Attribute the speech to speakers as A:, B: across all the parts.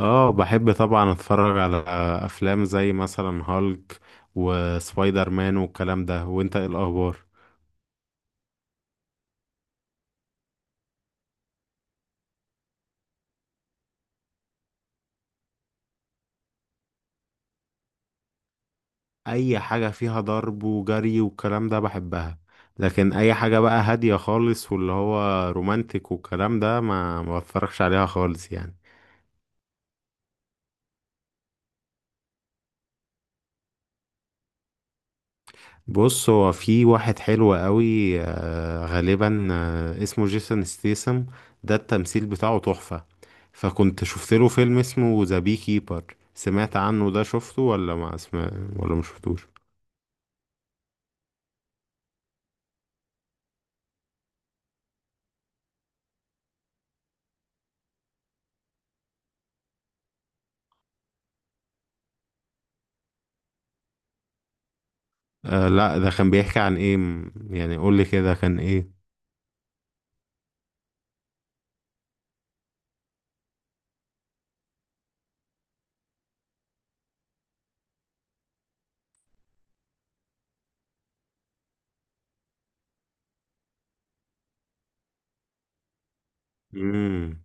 A: اه بحب طبعا اتفرج على افلام زي مثلا هالك وسبايدر مان والكلام ده. وانت ايه الاخبار؟ اي حاجة فيها ضرب وجري والكلام ده بحبها، لكن اي حاجة بقى هادية خالص واللي هو رومانتك والكلام ده ما بتفرجش عليها خالص يعني. بص، هو في واحد حلو قوي، غالبا، اسمه جيسون ستيسم. ده التمثيل بتاعه تحفة. فكنت شفت له فيلم اسمه ذا بي كيبر. سمعت عنه ده؟ شفته ولا ما اسمع، ولا ما شفتوش؟ آه لا، ده كان بيحكي عن ايه، يعني قول لي كده كان ايه. مم.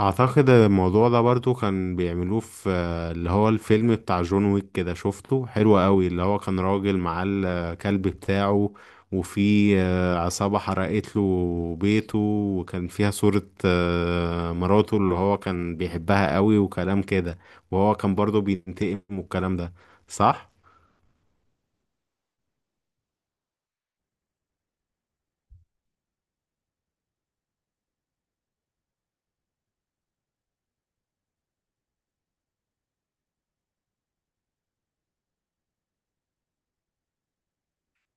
A: اعتقد الموضوع ده برضو كان بيعملوه في اللي هو الفيلم بتاع جون ويك، كده شفته؟ حلو قوي. اللي هو كان راجل معاه الكلب بتاعه، وفي عصابة حرقت له بيته، وكان فيها صورة مراته اللي هو كان بيحبها قوي وكلام كده، وهو كان برضو بينتقم والكلام ده. صح؟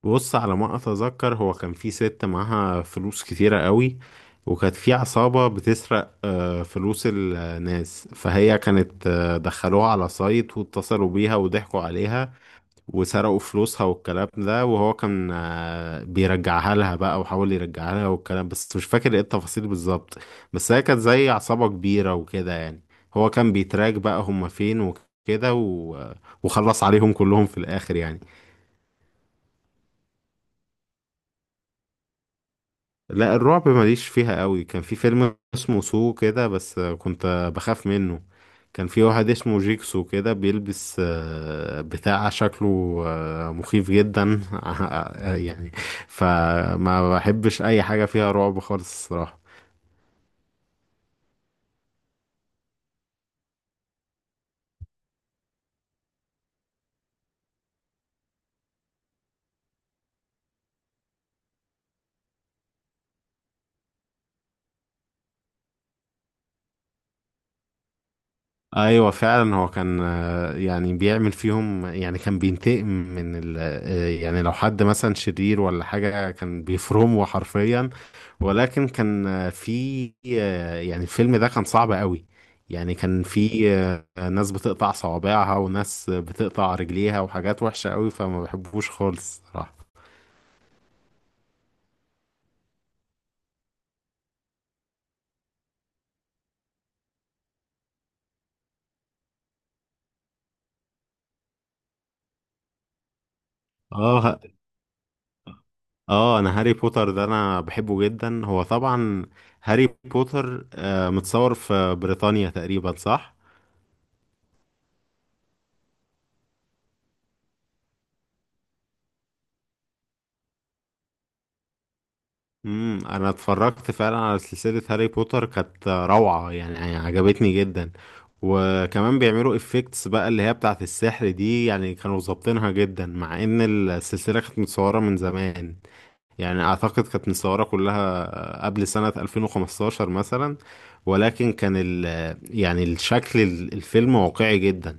A: بص، على ما اتذكر هو كان في ست معاها فلوس كتيرة قوي، وكانت في عصابة بتسرق فلوس الناس، فهي كانت دخلوها على سايت، واتصلوا بيها وضحكوا عليها وسرقوا فلوسها والكلام ده، وهو كان بيرجعها لها بقى، وحاول يرجعها لها والكلام، بس مش فاكر ايه التفاصيل بالظبط. بس هي كانت زي عصابة كبيرة وكده يعني. هو كان بيتراك بقى هما فين، وكده وخلص عليهم كلهم في الآخر يعني. لا، الرعب ماليش فيها قوي. كان في فيلم اسمه سو كده بس كنت بخاف منه. كان في واحد اسمه جيكسو كده بيلبس بتاع شكله مخيف جدا، يعني. فما بحبش اي حاجة فيها رعب خالص الصراحة. ايوه فعلا، هو كان يعني بيعمل فيهم، يعني كان بينتقم من ال يعني لو حد مثلا شرير ولا حاجه كان بيفرمه حرفيا. ولكن كان في يعني الفيلم ده كان صعب قوي. يعني كان في ناس بتقطع صوابعها وناس بتقطع رجليها وحاجات وحشه قوي، فما بحبوش خالص صراحه. اه، اه انا هاري بوتر ده انا بحبه جدا هو طبعا. هاري بوتر متصور في بريطانيا تقريبا، صح؟ امم، انا اتفرجت فعلا على سلسلة هاري بوتر، كانت روعة يعني، يعني عجبتني جدا. وكمان بيعملوا افكتس بقى اللي هي بتاعت السحر دي، يعني كانوا ظابطينها جدا، مع ان السلسلة كانت متصورة من زمان. يعني اعتقد كانت متصورة كلها قبل سنة 2015 مثلا. ولكن كان ال يعني الشكل الفيلم واقعي جدا.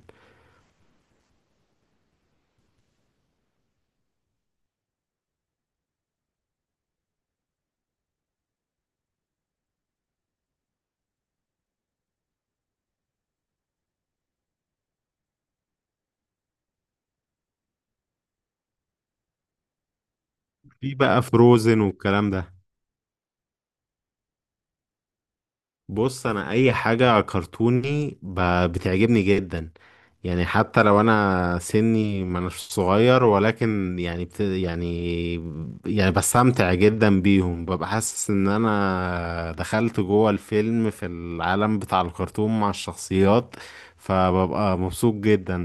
A: في بقى فروزن والكلام ده. بص انا اي حاجه كرتوني بتعجبني جدا. يعني حتى لو انا سني ما أناش صغير، ولكن يعني بت يعني، يعني بستمتع جدا بيهم، ببقى حاسس ان انا دخلت جوه الفيلم في العالم بتاع الكرتون مع الشخصيات، فببقى مبسوط جدا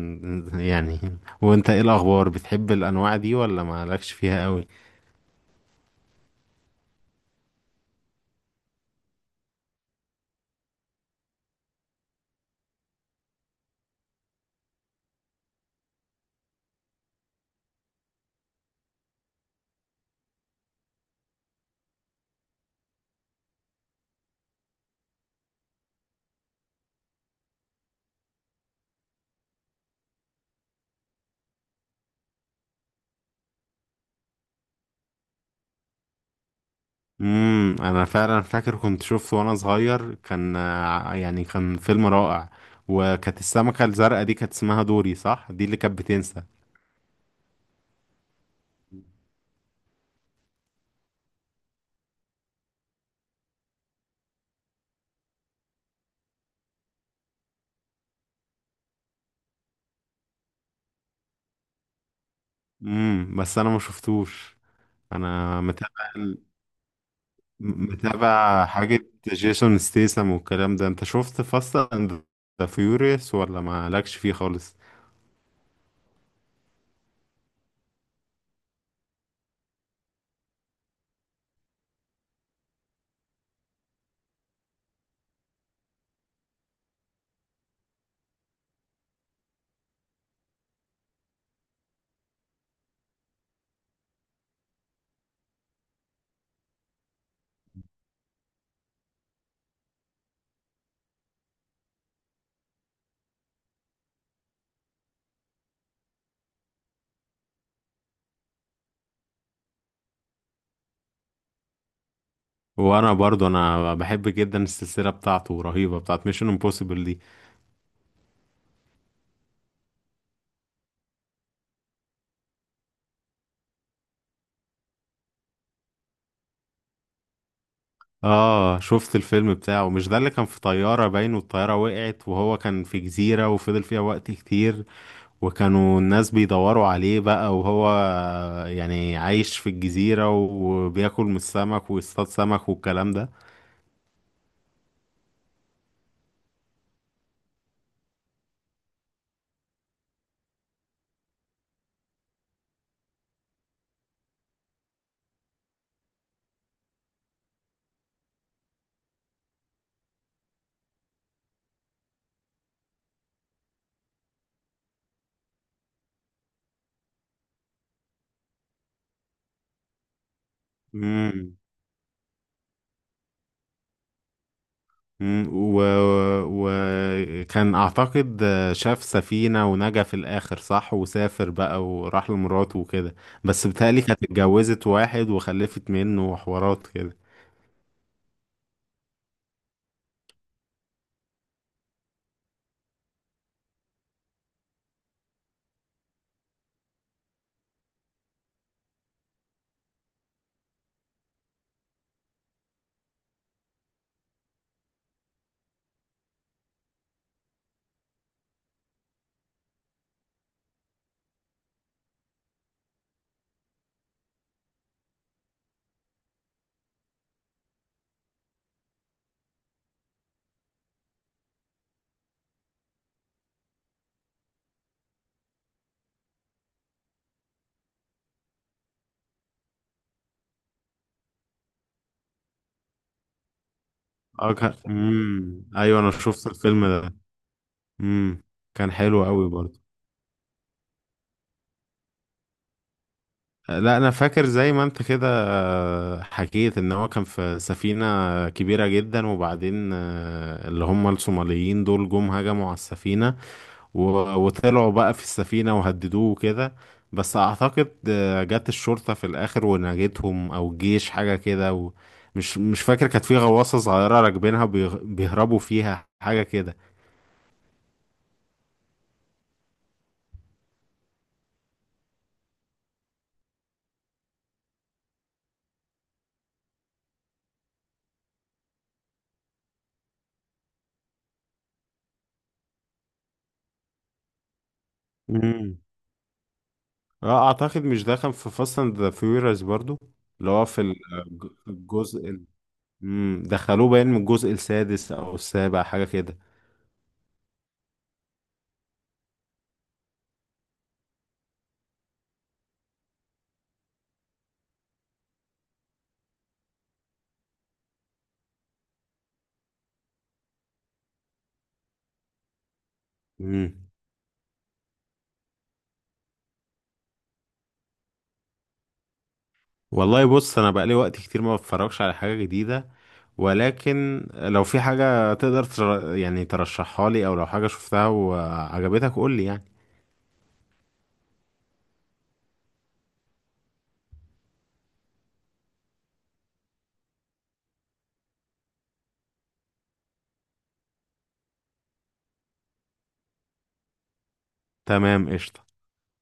A: يعني. وانت ايه الاخبار، بتحب الانواع دي ولا مالكش فيها قوي؟ امم، انا فعلا فاكر كنت شفته وانا صغير، كان يعني كان فيلم رائع. وكانت السمكة الزرقاء دي كانت اسمها دوري، صح؟ دي اللي كانت بتنسى. امم، بس انا ما شفتوش. انا متابع متابع حاجة جيسون ستيسم والكلام ده. انت شفت فاست اند ذا فيوريوس ولا ما لكش فيه خالص؟ وانا برضو انا بحب جدا السلسلة بتاعته، رهيبة بتاعت ميشن امبوسيبل دي. اه شفت الفيلم بتاعه. مش ده اللي كان في طيارة باين والطيارة وقعت، وهو كان في جزيرة وفضل فيها وقت كتير، وكانوا الناس بيدوروا عليه بقى، وهو يعني عايش في الجزيرة وبياكل من السمك ويصطاد سمك والكلام ده. امم. أمم، و... وكان اعتقد شاف سفينة ونجا في الاخر، صح؟ وسافر بقى وراح لمراته وكده. بس بتهيألي كانت اتجوزت واحد وخلفت منه وحوارات كده. اه كان، امم، ايوه انا شفت الفيلم ده. امم، كان حلو قوي برضه. لا، انا فاكر زي ما انت كده حكيت ان هو كان في سفينة كبيرة جدا، وبعدين اللي هم الصوماليين دول جم هجموا على السفينة، وطلعوا بقى في السفينة وهددوه كده. بس اعتقد جت الشرطة في الاخر ونجتهم او الجيش حاجة كده مش فاكر كانت في غواصة صغيرة راكبينها بيهربوا فيها حاجة كده. مم. اه اعتقد مش دخل في فاست اند ذا فيوريوس برضو. اللي هو في الجزء ال-، مم، دخلوه باين من الجزء السادس او السابع حاجه كده. مم. والله بص انا بقالي وقت كتير ما بتفرجش على حاجه جديده. ولكن لو في حاجه تقدر يعني ترشحها لي، او لو حاجه شفتها وعجبتك قول لي يعني. تمام، قشطه.